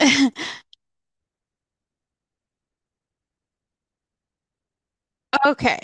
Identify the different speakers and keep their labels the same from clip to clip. Speaker 1: Okay.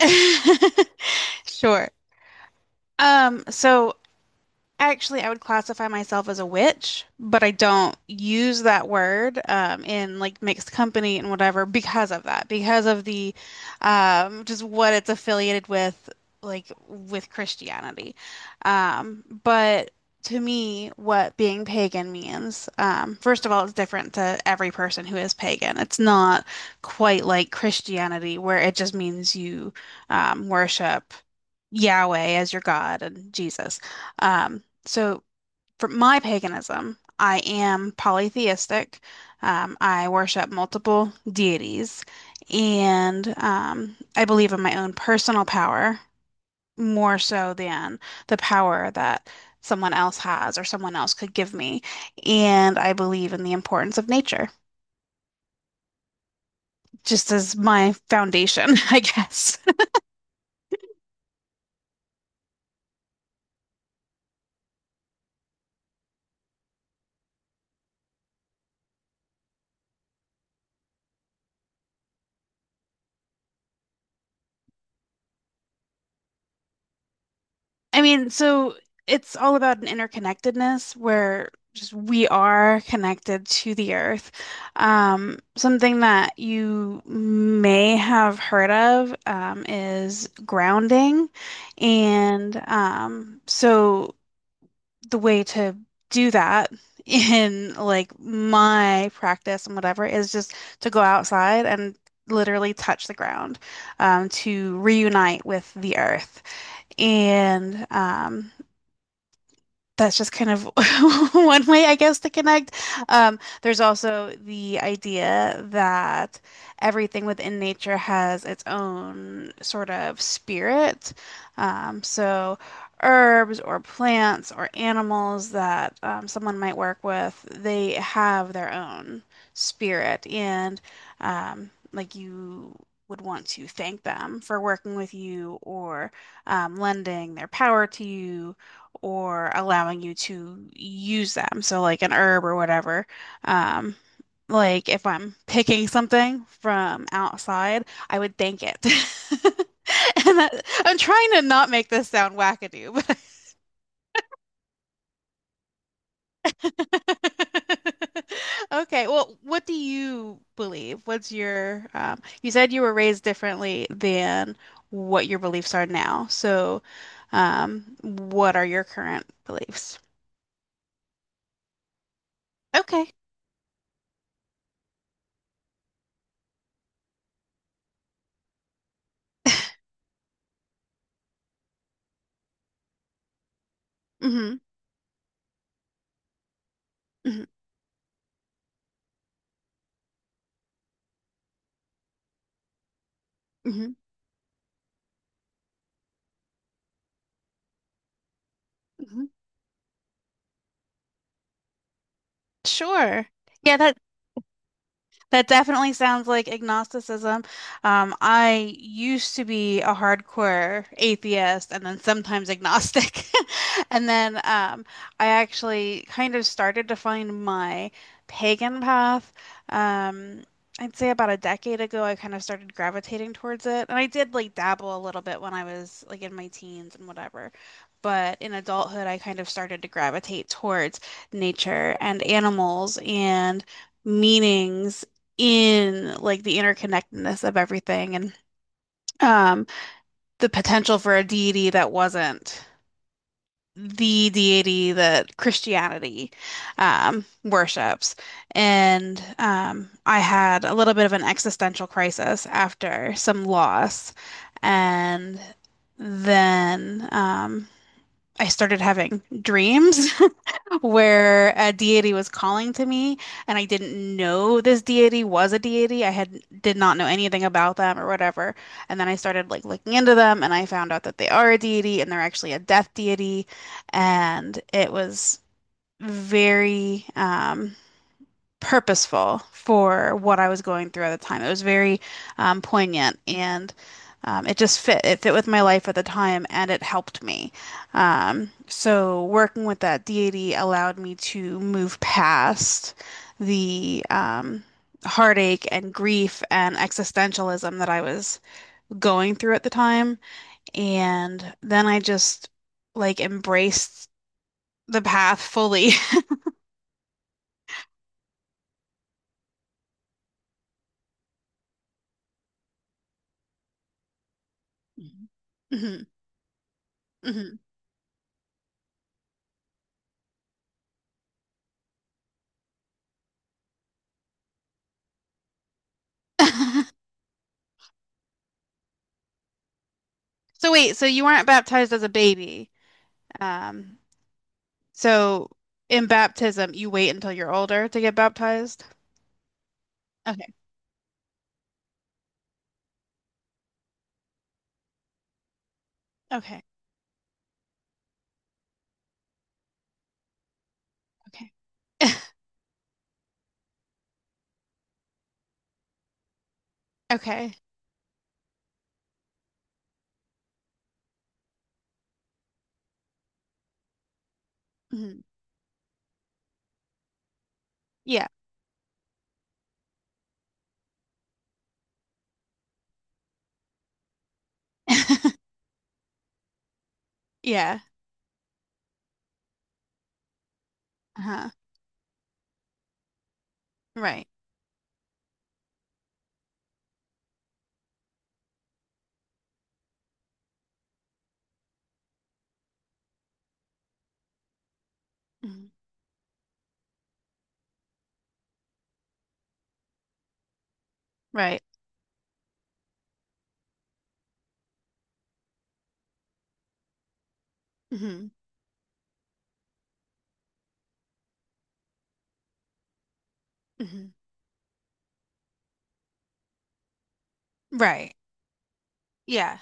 Speaker 1: Sure. Um, so Actually, I would classify myself as a witch, but I don't use that word in like mixed company and whatever because of that, because of the just what it's affiliated with, like with Christianity. But To me, what being pagan means, first of all, it's different to every person who is pagan. It's not quite like Christianity, where it just means you worship Yahweh as your God and Jesus. Um, so for my paganism, I am polytheistic. I worship multiple deities, and I believe in my own personal power more so than the power that someone else has or someone else could give me. And I believe in the importance of nature, just as my foundation, I guess. I mean, so it's all about an interconnectedness where just we are connected to the earth. Something that you may have heard of is grounding. And the way to do that in like my practice and whatever is just to go outside and literally touch the ground to reunite with the earth. And that's just kind of one way, I guess, to connect. There's also the idea that everything within nature has its own sort of spirit. Um, so, herbs or plants or animals that someone might work with, they have their own spirit. And like you would want to thank them for working with you or lending their power to you or allowing you to use them. So like an herb or whatever. Um, like if I'm picking something from outside, I would thank it. And that, I'm trying to not make this sound wackadoo, but okay. Well, what do you believe? What's your, you said you were raised differently than what your beliefs are now. So, what are your current beliefs? Okay. Hmm. Hmm. Hmm. Mhm. Sure. Yeah, that definitely sounds like agnosticism. I used to be a hardcore atheist and then sometimes agnostic. And then I actually kind of started to find my pagan path. Um, I'd say about a decade ago, I kind of started gravitating towards it. And I did like dabble a little bit when I was like in my teens and whatever. But in adulthood, I kind of started to gravitate towards nature and animals and meanings in like the interconnectedness of everything and um, the potential for a deity that wasn't the deity that Christianity worships. And I had a little bit of an existential crisis after some loss. And then I started having dreams where a deity was calling to me and I didn't know this deity was a deity. I had did not know anything about them or whatever. And then I started like looking into them and I found out that they are a deity and they're actually a death deity. And it was very purposeful for what I was going through at the time. It was very poignant and it just fit. It fit with my life at the time and it helped me. So working with that deity allowed me to move past the heartache and grief and existentialism that I was going through at the time. And then I just like embraced the path fully. Mhm. Mhm, mhm. So wait, so you weren't baptized as a baby. Um, so in baptism, you wait until you're older to get baptized. Okay. Okay. Okay. Okay. Mhm. Yeah. Yeah. Uh-huh. Right. Mhm. Right. Hmm. Hmm. Right. Yeah.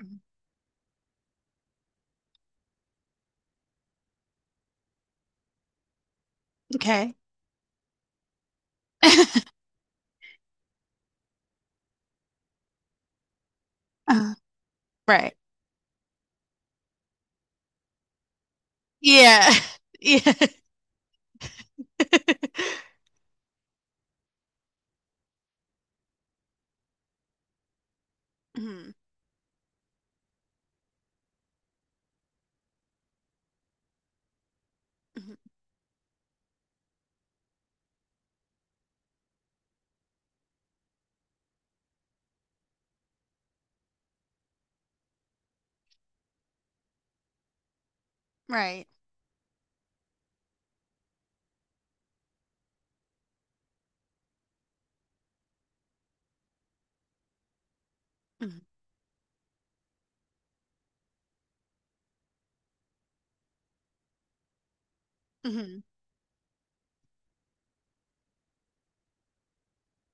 Speaker 1: Mhm. Okay. Uh, right. Yeah. Yeah. Mhm. Mhm. Right. Mhm. Mhm.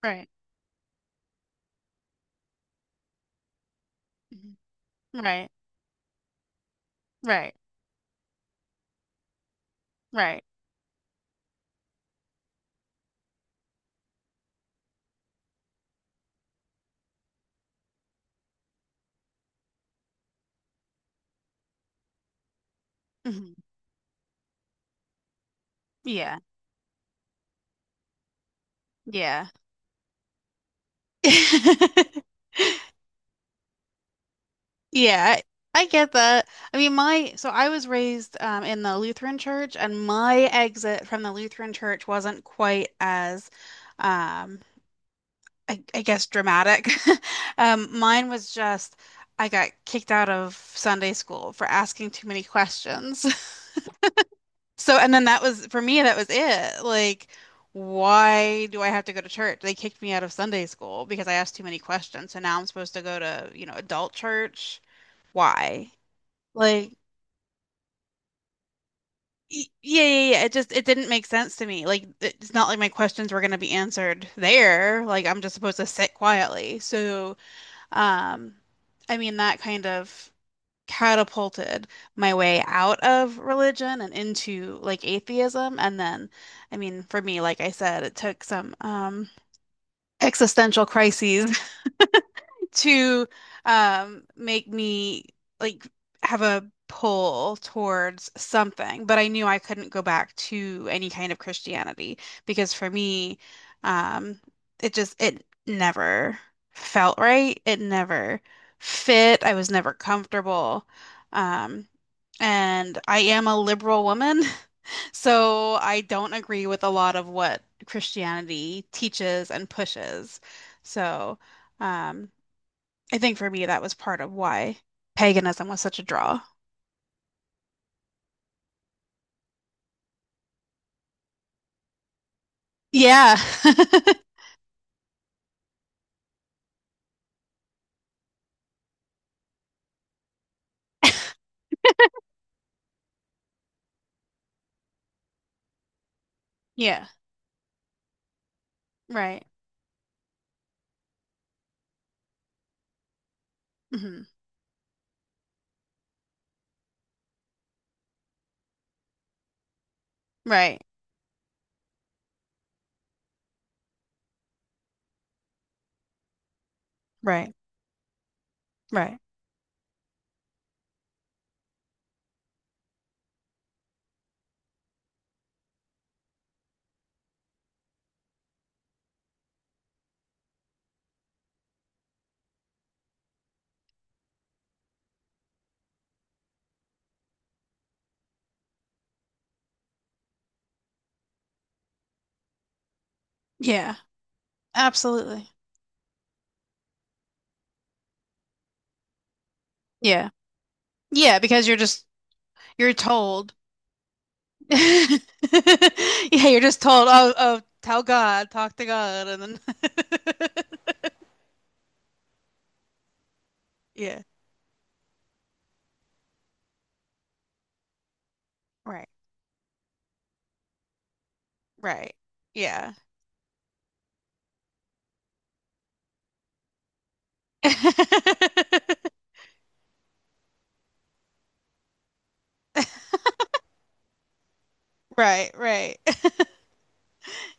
Speaker 1: Right. Mhm. Right. Right. Right. Mhm. Yeah. Yeah. Yeah, I get that. I mean, my so I was raised in the Lutheran church, and my exit from the Lutheran church wasn't quite as, um, I guess, dramatic. Mine was just I got kicked out of Sunday school for asking too many questions. So, and then that was for me, that was it. Like, why do I have to go to church? They kicked me out of Sunday school because I asked too many questions. So now I'm supposed to go to, you know, adult church. Why? Like, yeah, yeah. It just it didn't make sense to me. Like, it's not like my questions were going to be answered there. Like, I'm just supposed to sit quietly. So, um, I mean, that kind of catapulted my way out of religion and into like atheism. And then, I mean, for me, like I said, it took some existential crises to make me like have a pull towards something, but I knew I couldn't go back to any kind of Christianity because for me, um, it just it never felt right. It never fit. I was never comfortable. Um, and I am a liberal woman, so I don't agree with a lot of what Christianity teaches and pushes. So, um, I think for me, that was part of why paganism was such a draw. Yeah. Yeah. Right. Hmm. Right. Right. Right. Yeah. Absolutely. Yeah. Yeah, because you're told. Yeah, you're just told, oh, tell God, talk to God, and then yeah. Right. Right. Yeah. Right, right.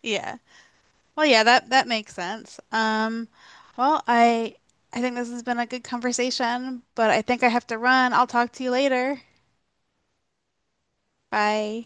Speaker 1: Yeah. Well, yeah, that makes sense. Well, I think this has been a good conversation, but I think I have to run. I'll talk to you later. Bye.